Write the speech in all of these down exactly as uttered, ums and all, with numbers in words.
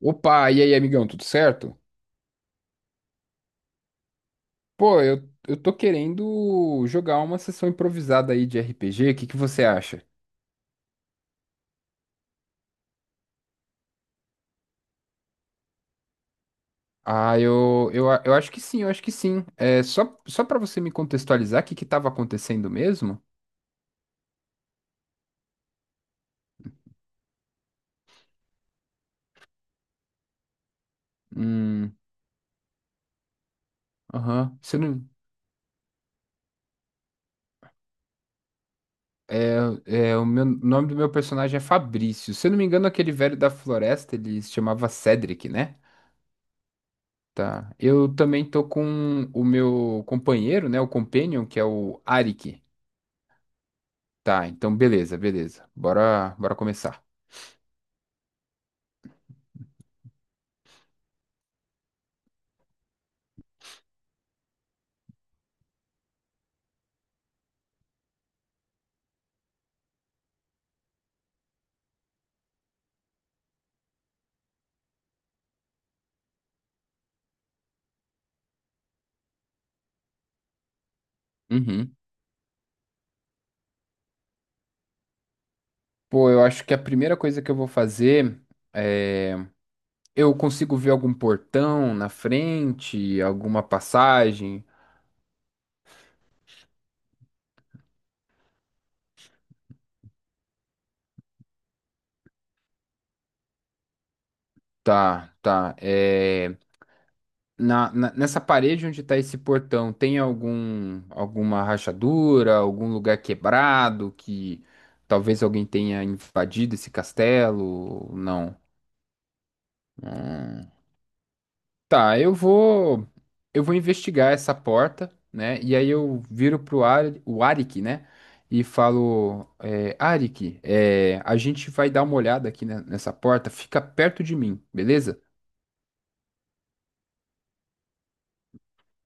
Opa, e aí, amigão, tudo certo? Pô, eu, eu tô querendo jogar uma sessão improvisada aí de R P G, o que que você acha? Ah, eu, eu, a- eu acho que sim, eu acho que sim. É, só, só pra você me contextualizar, o que que tava acontecendo mesmo? Hum, aham, você não... É, é, o meu, o nome do meu personagem é Fabrício. Se eu não me engano, aquele velho da floresta, ele se chamava Cedric, né? Tá. Eu também tô com o meu companheiro, né? O Companion, que é o Arik. Tá, então beleza, beleza. Bora, bora começar. Uhum. Pô, eu acho que a primeira coisa que eu vou fazer é. Eu consigo ver algum portão na frente, alguma passagem? Tá, tá. É... Na, na- nessa parede onde tá esse portão, tem algum, alguma rachadura, algum lugar quebrado que talvez alguém tenha invadido esse castelo? Não. Hum. Tá, eu vou eu vou investigar essa porta, né? E aí eu viro pro Ari, o Arik, né? E falo, é, Arik, é, a gente vai dar uma olhada aqui ne- nessa porta, fica perto de mim, beleza?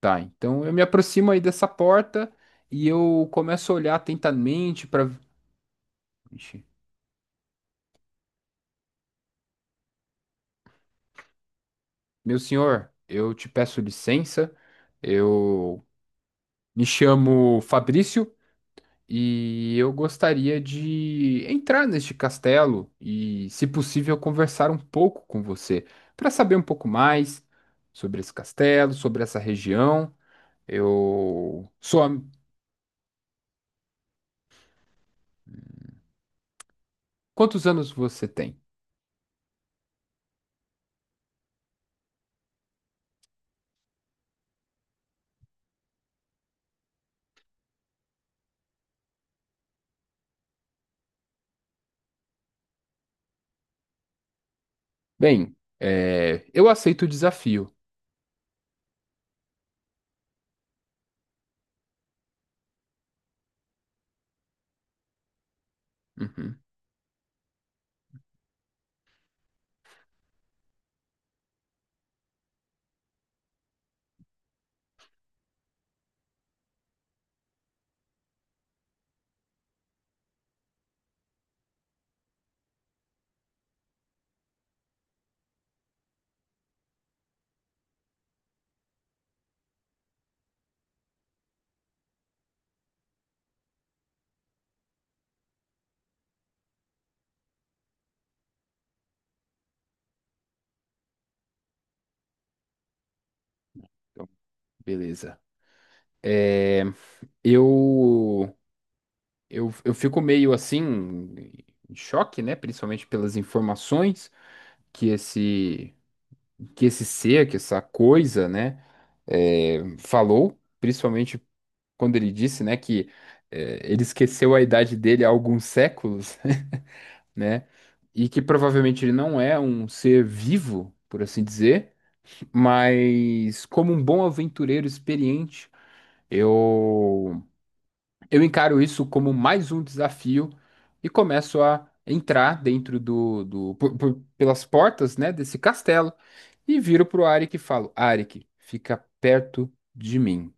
Tá, então eu me aproximo aí dessa porta e eu começo a olhar atentamente para. Meu senhor, eu te peço licença, eu me chamo Fabrício. E eu gostaria de entrar neste castelo e, se possível, conversar um pouco com você para saber um pouco mais sobre esse castelo, sobre essa região. Eu sou. am- Quantos anos você tem? Bem, é, eu aceito o desafio. Uhum. Então, beleza. Eu, eu, eu fico meio assim, em choque, né? Principalmente pelas informações que esse que esse ser, que essa coisa, né, é, falou, principalmente quando ele disse, né, que é, ele esqueceu a idade dele há alguns séculos, né, e que provavelmente ele não é um ser vivo, por assim dizer, mas como um bom aventureiro experiente, eu eu encaro isso como mais um desafio e começo a entrar dentro do, do por- por- pelas portas, né, desse castelo e viro pro Arik e falo: Arik, fica perto de mim.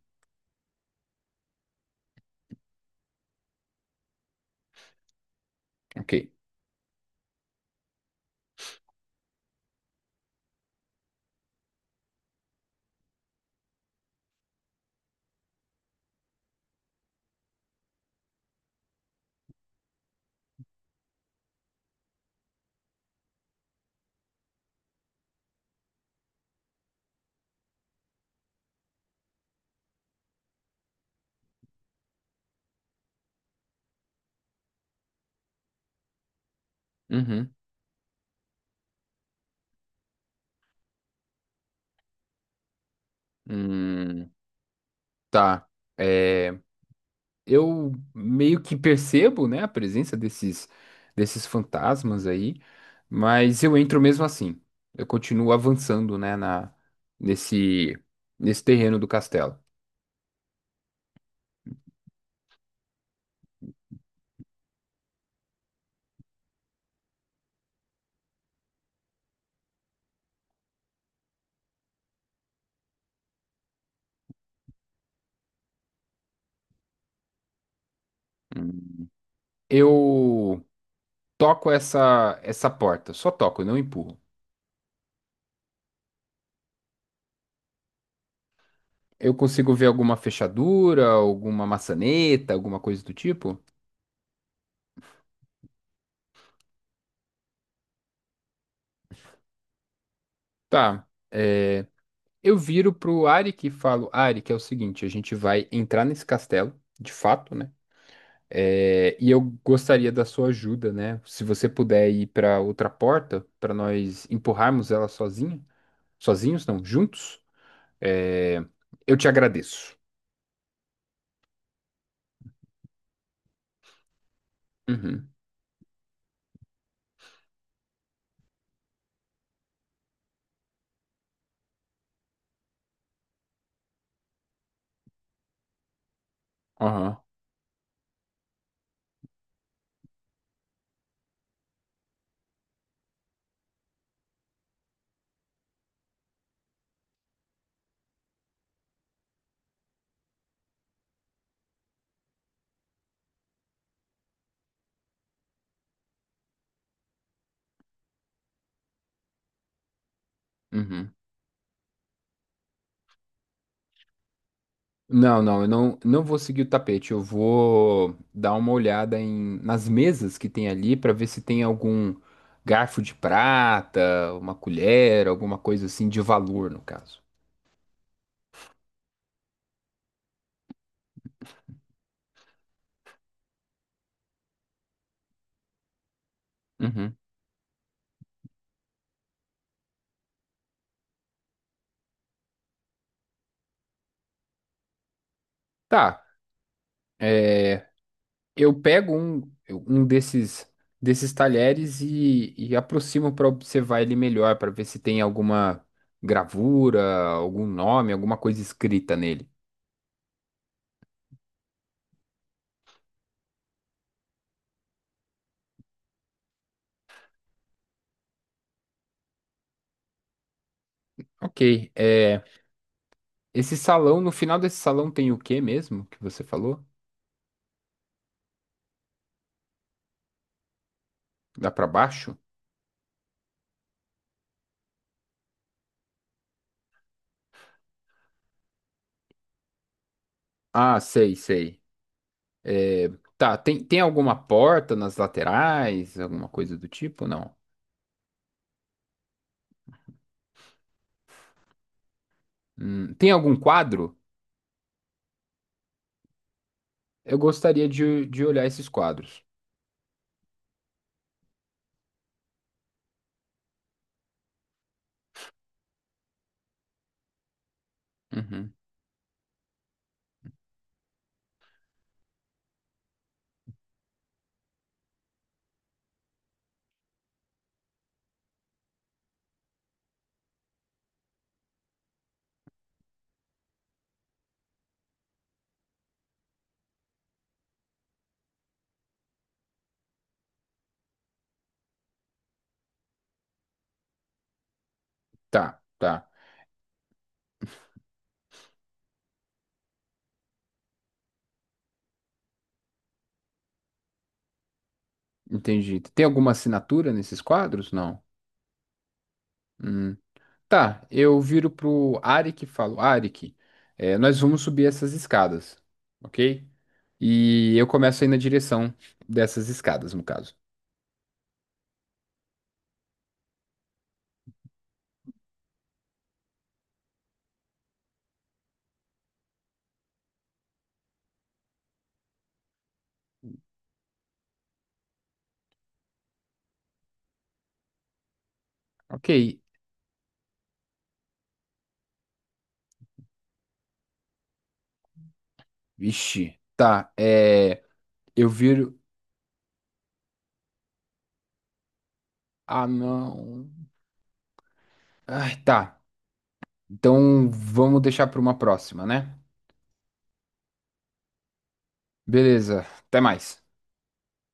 Ok. Uhum. Hum, tá. É, eu meio que percebo, né, a presença desses desses fantasmas aí, mas eu entro mesmo assim. Eu continuo avançando, né, na nesse nesse terreno do castelo. Eu toco essa essa porta, só toco, eu não empurro. Eu consigo ver alguma fechadura, alguma maçaneta, alguma coisa do tipo? Tá. é, eu viro pro Arik e falo, Arik, é o seguinte, a gente vai entrar nesse castelo, de fato, né? É, e eu gostaria da sua ajuda, né? Se você puder ir para outra porta, para nós empurrarmos ela sozinha, sozinhos, não, juntos, é, eu te agradeço. Uhum. Aham. Uhum. Não, não, eu não, não vou seguir o tapete. Eu vou dar uma olhada em, nas mesas que tem ali para ver se tem algum garfo de prata, uma colher, alguma coisa assim de valor, no caso. Uhum. Tá, é, eu pego um, um desses, desses talheres e, e aproximo para observar ele melhor, para ver se tem alguma gravura, algum nome, alguma coisa escrita nele. Ok, é, esse salão, no final desse salão tem o que mesmo que você falou? Dá pra baixo? Ah, sei, sei. Tá, tem, tem alguma porta nas laterais, alguma coisa do tipo? Não. Hum, tem algum quadro? Eu gostaria de, de olhar esses quadros. Uhum. Tá, tá. Entendi. Tem alguma assinatura nesses quadros? Não. Hum. Tá, eu viro pro Arik e falo, Arik, é, nós vamos subir essas escadas, ok? E eu começo a ir na direção dessas escadas, no caso. Ok. Vixe, tá. É, eu viro. Ah, não. Ai, tá. Então vamos deixar para uma próxima, né? Beleza. Até mais.